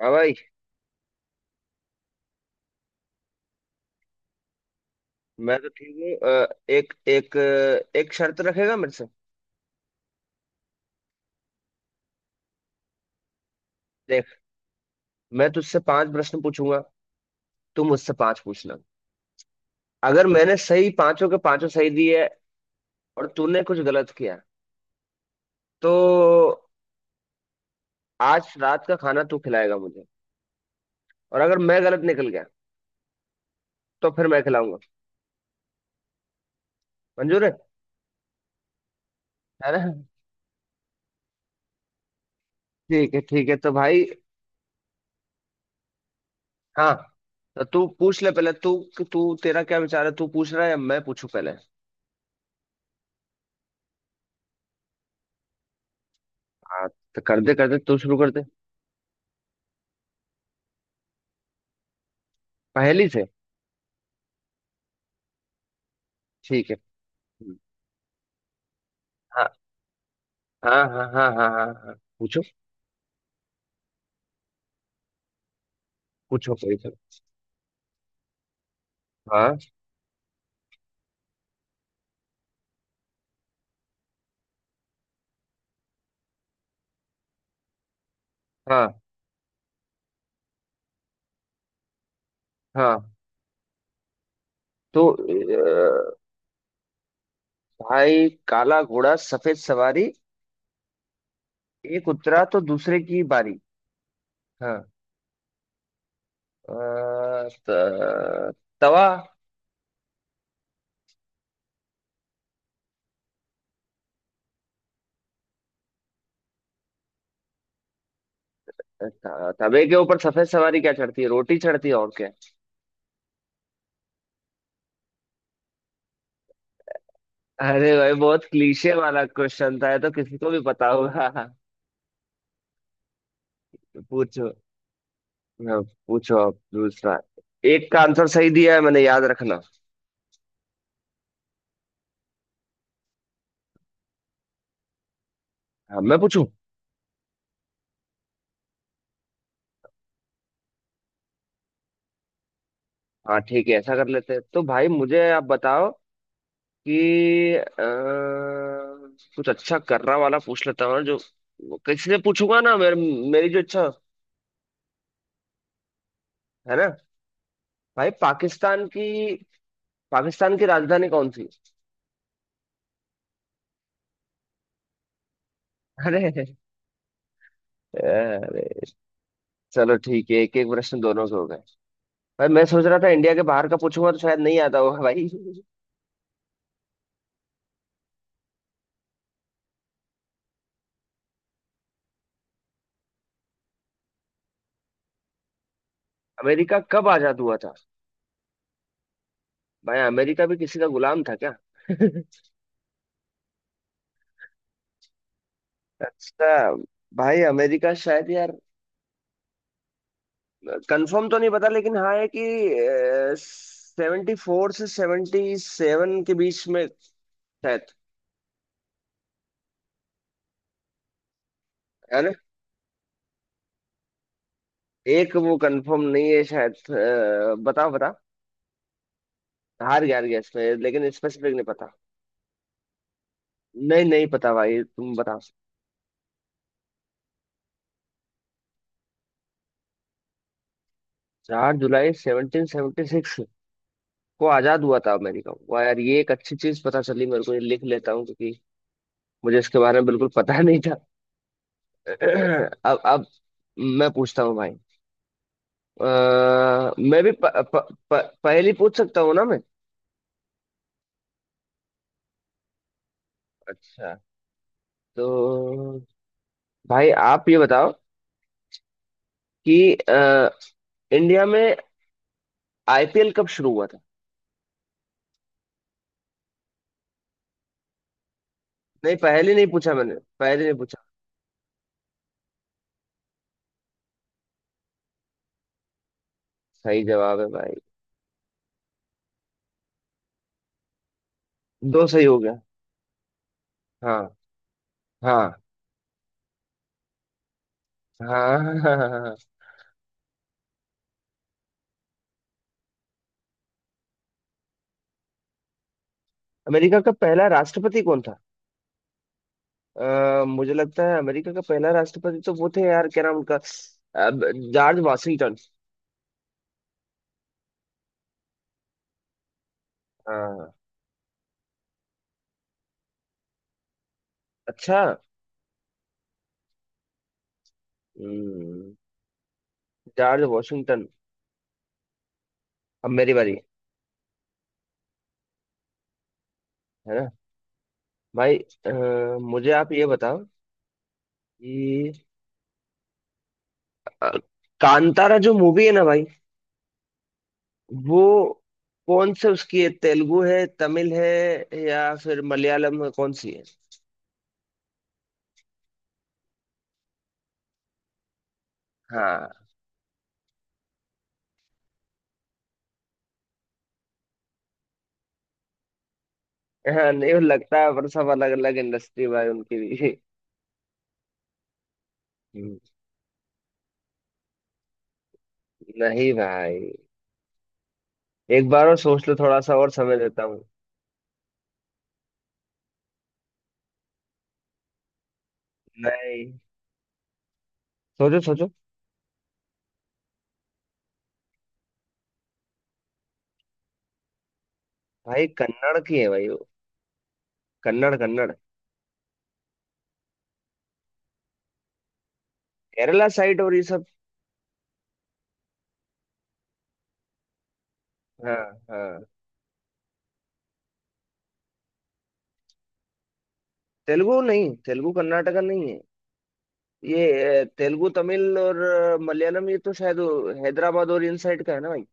हाँ भाई। मैं तो ठीक हूँ। एक एक एक शर्त रखेगा मेरे से। देख, मैं तुझसे पांच प्रश्न पूछूंगा, तू मुझसे पांच पूछना। अगर मैंने सही पांचों के पांचों सही दिए और तूने कुछ गलत किया तो आज रात का खाना तू खिलाएगा मुझे, और अगर मैं गलत निकल गया तो फिर मैं खिलाऊंगा। मंजूर है ना? ठीक है, ठीक है तो भाई। हाँ, तो तू पूछ ले, पहले तू। तू, तेरा क्या विचार है, तू पूछ रहा है या मैं पूछूं पहले? हाँ, तो कर दे कर दे, तू शुरू कर दे। पहली से। ठीक है। हम्म। हाँ हाँ हाँ हाँ हाँ हाँ, पूछो। पूछो कोई तो। हाँ हाँ हाँ। तो भाई, काला घोड़ा सफेद सवारी, एक उतरा तो दूसरे की बारी। हाँ। अ, त, तवा। तवे के ऊपर सफेद सवारी क्या चढ़ती है? रोटी चढ़ती है, और क्या। अरे भाई, बहुत क्लीशे वाला क्वेश्चन था, ये तो किसी को भी पता होगा। पूछो। हाँ, पूछो आप दूसरा। एक का आंसर सही दिया है मैंने, याद रखना। हाँ, मैं पूछूं। हाँ, ठीक है, ऐसा कर लेते हैं। तो भाई मुझे आप बताओ कि कुछ अच्छा करना वाला पूछ लेता हूँ, जो किसी से पूछूंगा ना, मेरी जो इच्छा, है ना? भाई पाकिस्तान की राजधानी कौन सी? अरे, अरे, चलो ठीक है, एक एक प्रश्न दोनों के हो गए। भाई मैं सोच रहा था इंडिया के बाहर का पूछूंगा तो शायद नहीं आता होगा भाई। अमेरिका कब आजाद हुआ था? भाई, अमेरिका भी किसी का गुलाम था क्या? अच्छा। भाई अमेरिका शायद यार, कंफर्म तो नहीं पता, लेकिन हाँ है कि 74 से 77 के बीच में, शायद। है ना? एक वो कंफर्म नहीं है शायद। बताओ बताओ, हार गया इसमें, लेकिन स्पेसिफिक नहीं पता। नहीं, नहीं पता भाई, तुम बताओ। 4 जुलाई 1776 को आजाद हुआ था अमेरिका। वाह यार, ये एक अच्छी चीज पता चली मेरे को, ये लिख लेता हूँ, क्योंकि मुझे इसके बारे में बिल्कुल पता नहीं था। अब मैं पूछता हूँ भाई। अ, मैं भी प, प, प, पहली पूछ सकता हूँ ना मैं? अच्छा, तो भाई आप ये बताओ कि इंडिया में आईपीएल कब शुरू हुआ था? नहीं, पहले नहीं पूछा मैंने, पहले नहीं पूछा। सही जवाब है भाई। दो सही हो गया। हाँ हाँ हाँ हाँ हाँ हाँ। हाँ। अमेरिका का पहला राष्ट्रपति कौन था? मुझे लगता है अमेरिका का पहला राष्ट्रपति तो वो थे यार, क्या नाम उनका? अब, जॉर्ज वाशिंगटन। हाँ। अच्छा। हम्म, जॉर्ज वाशिंगटन। अब मेरी बारी, है ना भाई? अ, मुझे आप ये बताओ कि अ, कांतारा जो मूवी है ना भाई, वो कौन से उसकी है? तेलुगु है, तमिल है, या फिर मलयालम है, कौन सी है? हाँ हाँ। नहीं वो लगता है, पर सब अलग अलग इंडस्ट्री भाई उनकी भी। हम्म। नहीं भाई, एक बार और सोच लो, थोड़ा सा और समय देता हूँ। नहीं, सोचो सोचो। भाई कन्नड़ की है भाई वो। कन्नड़ कन्नड़। केरला साइड और ये सब। हाँ हाँ। तेलुगु नहीं, तेलुगु कर्नाटका नहीं है। ये तेलुगु, तमिल और मलयालम, ये तो शायद वो हैदराबाद और इन साइड का है ना भाई?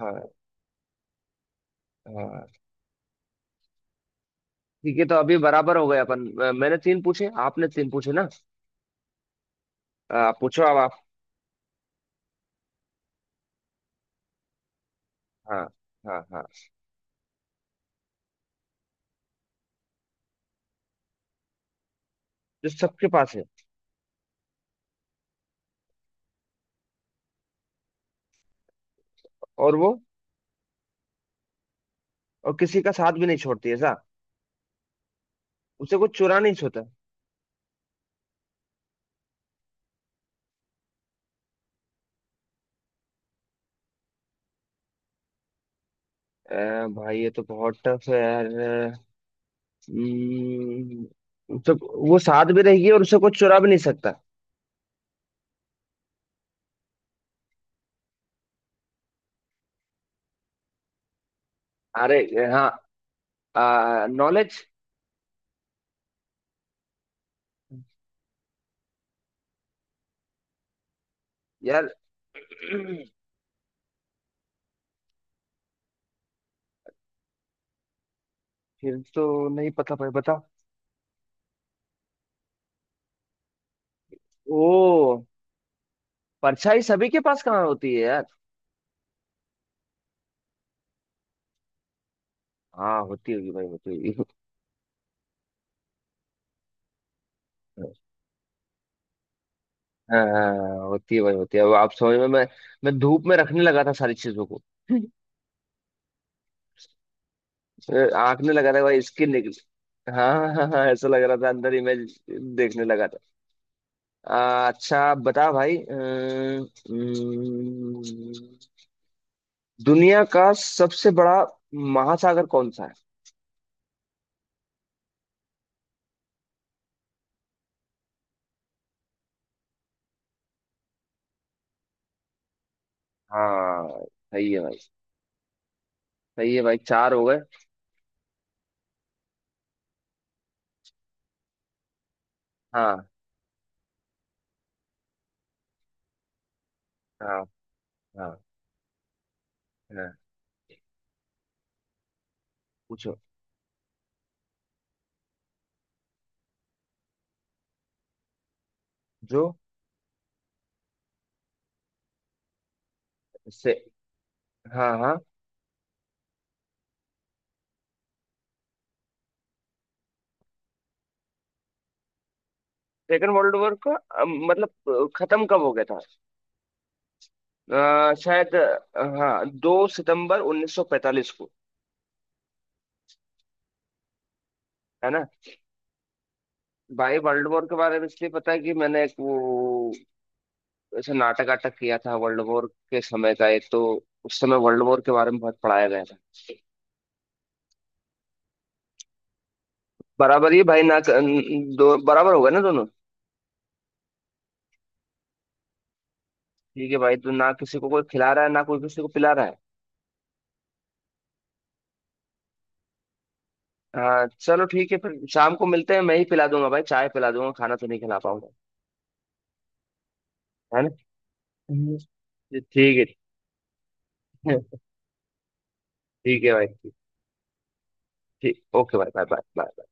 हाँ हाँ, ठीक है, तो अभी बराबर हो गए अपन। मैंने तीन पूछे, आपने तीन पूछे ना? पूछो अब आप। हाँ हाँ हाँ। जो सबके पास है, और वो, और किसी का साथ भी नहीं छोड़ती ऐसा, उसे कुछ चुरा नहीं छोता। भाई ये तो बहुत टफ है यार। तो वो साथ भी रहेगी और उसे कुछ चुरा भी नहीं सकता। अरे, हाँ, नॉलेज। यार। फिर तो नहीं पता भाई, बता। ओ, परछाई सभी के पास कहाँ होती है यार? हाँ होती होगी भाई, होती होगी। हाँ हाँ, हाँ, होती है भाई, होती है। अब आप समझ में। मैं धूप में रखने लगा था सारी चीजों को। आंख में लगा था भाई, स्किन निकल। हाँ हाँ हाँ हाँ, ऐसा लग रहा था, अंदर इमेज देखने लगा था। अच्छा बता भाई। अम, अम, दुनिया का सबसे बड़ा महासागर कौन सा है? हाँ, सही है भाई, सही है भाई, चार हो गए। हाँ हाँ हाँ हाँ, पूछो। जो से हाँ हाँ। सेकेंड वर्ल्ड वॉर का, मतलब खत्म कब हो गया था? शायद हाँ, 2 सितंबर 1945 को। है ना? भाई वर्ल्ड वॉर के बारे में इसलिए पता है कि मैंने एक वो ऐसा नाटक वाटक किया था वर्ल्ड वॉर के समय का एक, तो उस समय वर्ल्ड वॉर के बारे में बहुत पढ़ाया गया था। बराबर ही भाई ना? दो बराबर होगा ना दोनों? ठीक है भाई, तो ना किसी को कोई खिला रहा है ना कोई किसी को पिला रहा है। हाँ चलो, ठीक है, फिर शाम को मिलते हैं, मैं ही पिला दूंगा भाई, चाय पिला दूंगा, खाना तो नहीं खिला पाऊंगा। है ना? हम्म। ठीक है। ठीक है भाई, ठीक ठीक, ओके भाई, बाय बाय बाय।